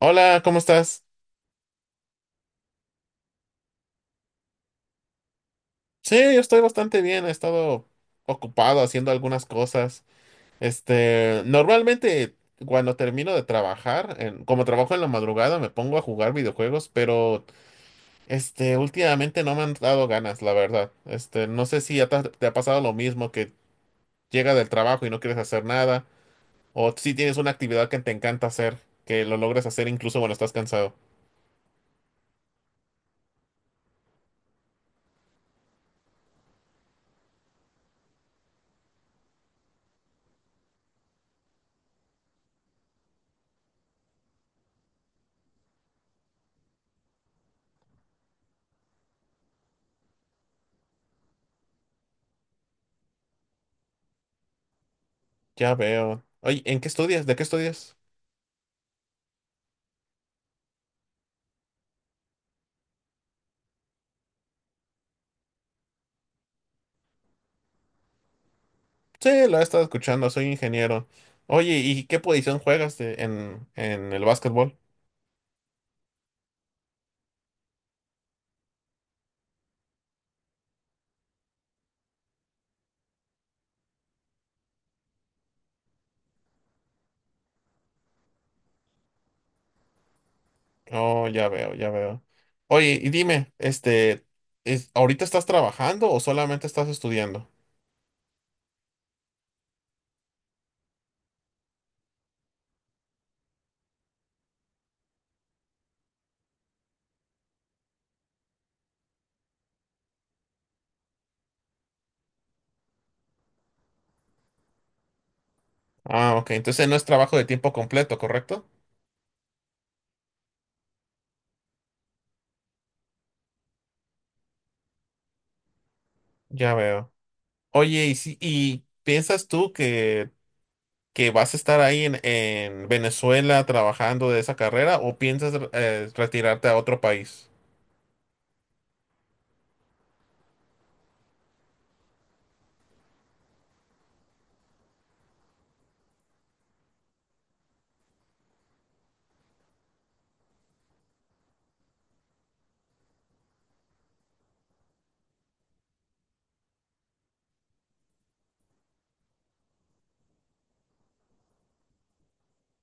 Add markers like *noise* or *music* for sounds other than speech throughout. Hola, ¿cómo estás? Sí, yo estoy bastante bien. He estado ocupado haciendo algunas cosas. Normalmente cuando termino de trabajar, como trabajo en la madrugada, me pongo a jugar videojuegos, pero últimamente no me han dado ganas, la verdad. No sé si ya te ha pasado lo mismo, que llega del trabajo y no quieres hacer nada, o si tienes una actividad que te encanta hacer, que lo logres hacer incluso cuando estás cansado. Ya veo. Oye, ¿en qué estudias? ¿De qué estudias? Sí, lo he estado escuchando, soy ingeniero. Oye, ¿y qué posición juegas en el básquetbol? Oh, ya veo, ya veo. Oye, y dime, ¿ahorita estás trabajando o solamente estás estudiando? Ah, ok, entonces no es trabajo de tiempo completo, ¿correcto? Ya veo. Oye, ¿y, y piensas tú que vas a estar ahí en Venezuela trabajando de esa carrera o piensas retirarte a otro país?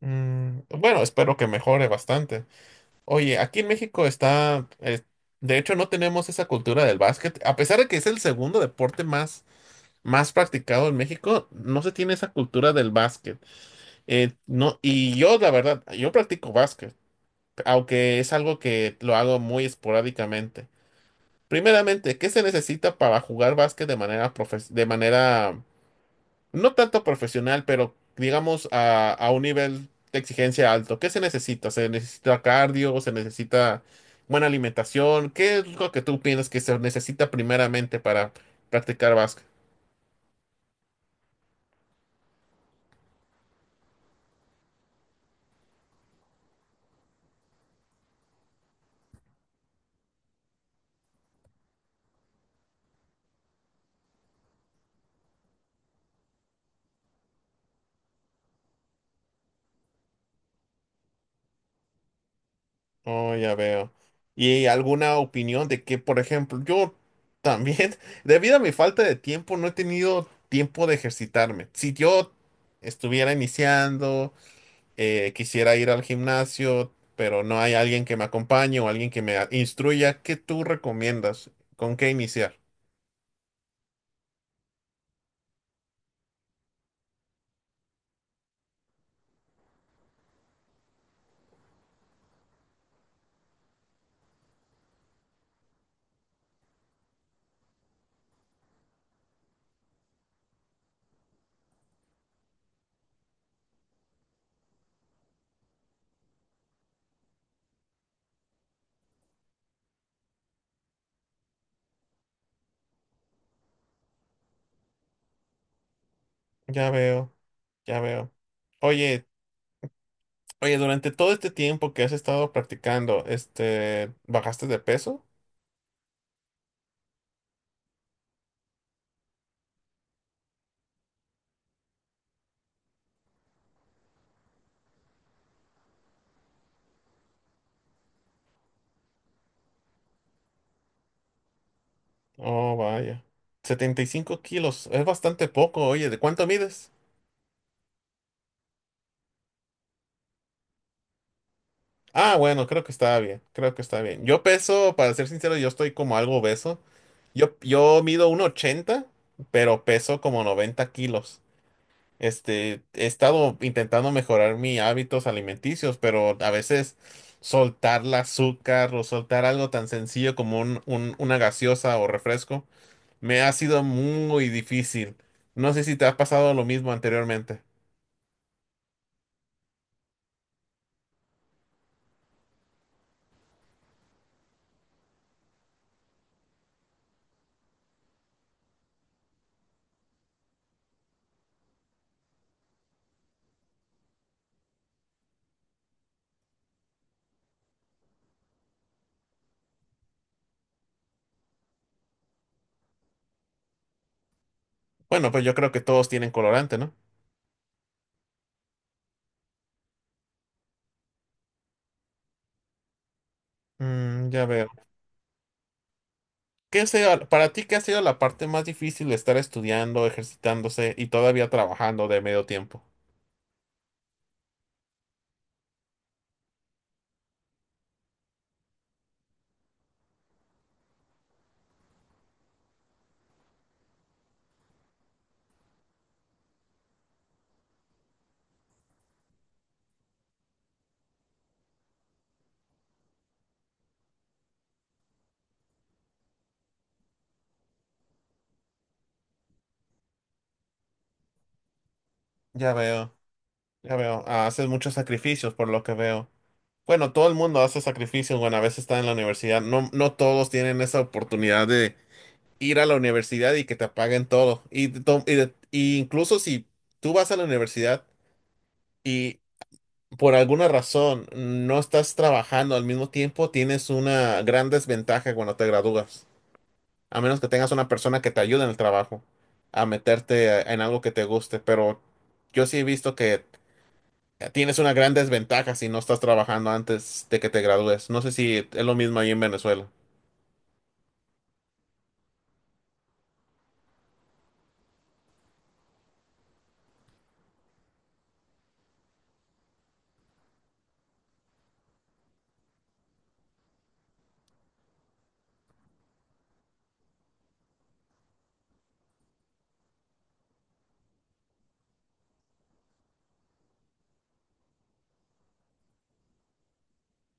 Mm, bueno, espero que mejore bastante. Oye, aquí en México está, de hecho no tenemos esa cultura del básquet, a pesar de que es el segundo deporte más, más practicado en México, no se tiene esa cultura del básquet. No, y yo, la verdad, yo practico básquet, aunque es algo que lo hago muy esporádicamente. Primeramente, ¿qué se necesita para jugar básquet de manera de manera no tanto profesional, pero digamos a un nivel de exigencia alto? ¿Qué se necesita? ¿Se necesita cardio? ¿Se necesita buena alimentación? ¿Qué es lo que tú piensas que se necesita primeramente para practicar básquet? Oh, ya veo. ¿Y alguna opinión de que, por ejemplo, yo también, *laughs* debido a mi falta de tiempo, no he tenido tiempo de ejercitarme? Si yo estuviera iniciando quisiera ir al gimnasio, pero no hay alguien que me acompañe o alguien que instruya. ¿Qué tú recomiendas? ¿Con qué iniciar? Ya veo, ya veo. Oye, oye, durante todo este tiempo que has estado practicando, ¿bajaste de peso? Oh, vaya. 75 kilos, es bastante poco. Oye, ¿de cuánto mides? Ah, bueno, creo que está bien, creo que está bien. Yo peso, para ser sincero, yo estoy como algo obeso. Yo mido 1,80, pero peso como 90 kilos. He estado intentando mejorar mis hábitos alimenticios, pero a veces soltar el azúcar o soltar algo tan sencillo como una gaseosa o refresco me ha sido muy difícil. No sé si te ha pasado lo mismo anteriormente. Bueno, pues yo creo que todos tienen colorante, ¿no? Mm, ya veo. ¿Qué ha para ti, qué ha sido la parte más difícil de estar estudiando, ejercitándose y todavía trabajando de medio tiempo? Ya veo, ya veo. Ah, haces muchos sacrificios por lo que veo. Bueno, todo el mundo hace sacrificios, bueno, a veces está en la universidad. No, no todos tienen esa oportunidad de ir a la universidad y que te paguen todo. Y, y y incluso si tú vas a la universidad y por alguna razón no estás trabajando al mismo tiempo, tienes una gran desventaja cuando te gradúas. A menos que tengas una persona que te ayude en el trabajo a meterte en algo que te guste. Pero yo sí he visto que tienes una gran desventaja si no estás trabajando antes de que te gradúes. No sé si es lo mismo ahí en Venezuela.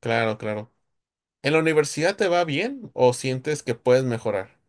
Claro, claro. ¿En la universidad te va bien o sientes que puedes mejorar?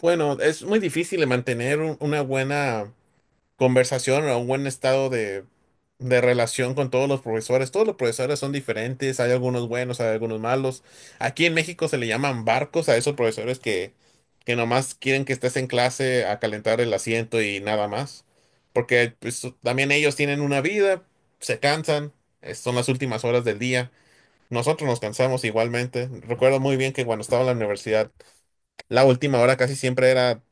Bueno, es muy difícil mantener una buena conversación o un buen estado de relación con todos los profesores. Todos los profesores son diferentes, hay algunos buenos, hay algunos malos. Aquí en México se le llaman barcos a esos profesores que nomás quieren que estés en clase a calentar el asiento y nada más. Porque pues, también ellos tienen una vida, se cansan, son las últimas horas del día. Nosotros nos cansamos igualmente. Recuerdo muy bien que cuando estaba en la universidad, la última hora casi siempre era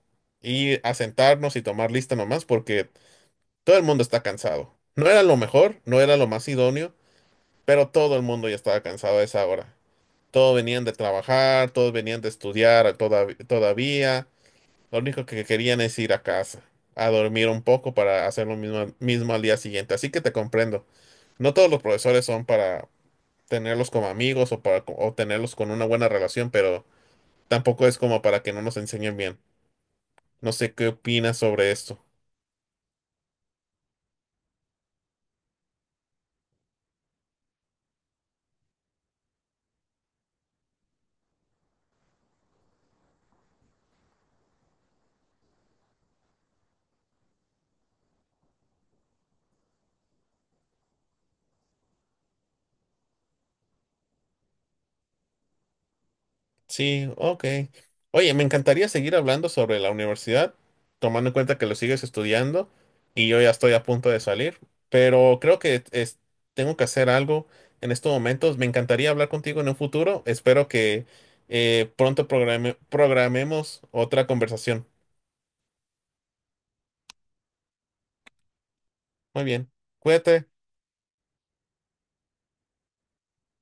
ir a sentarnos y tomar lista nomás, porque todo el mundo está cansado. No era lo mejor, no era lo más idóneo, pero todo el mundo ya estaba cansado a esa hora. Todos venían de trabajar, todos venían de estudiar todavía. Lo único que querían es ir a casa, a dormir un poco para hacer lo mismo, mismo al día siguiente. Así que te comprendo. No todos los profesores son para tenerlos como amigos o para o tenerlos con una buena relación, pero tampoco es como para que no nos enseñen bien. No sé qué opinas sobre esto. Sí, ok. Oye, me encantaría seguir hablando sobre la universidad, tomando en cuenta que lo sigues estudiando y yo ya estoy a punto de salir, pero creo que tengo que hacer algo en estos momentos. Me encantaría hablar contigo en un futuro. Espero que pronto programemos otra conversación. Muy bien, cuídate.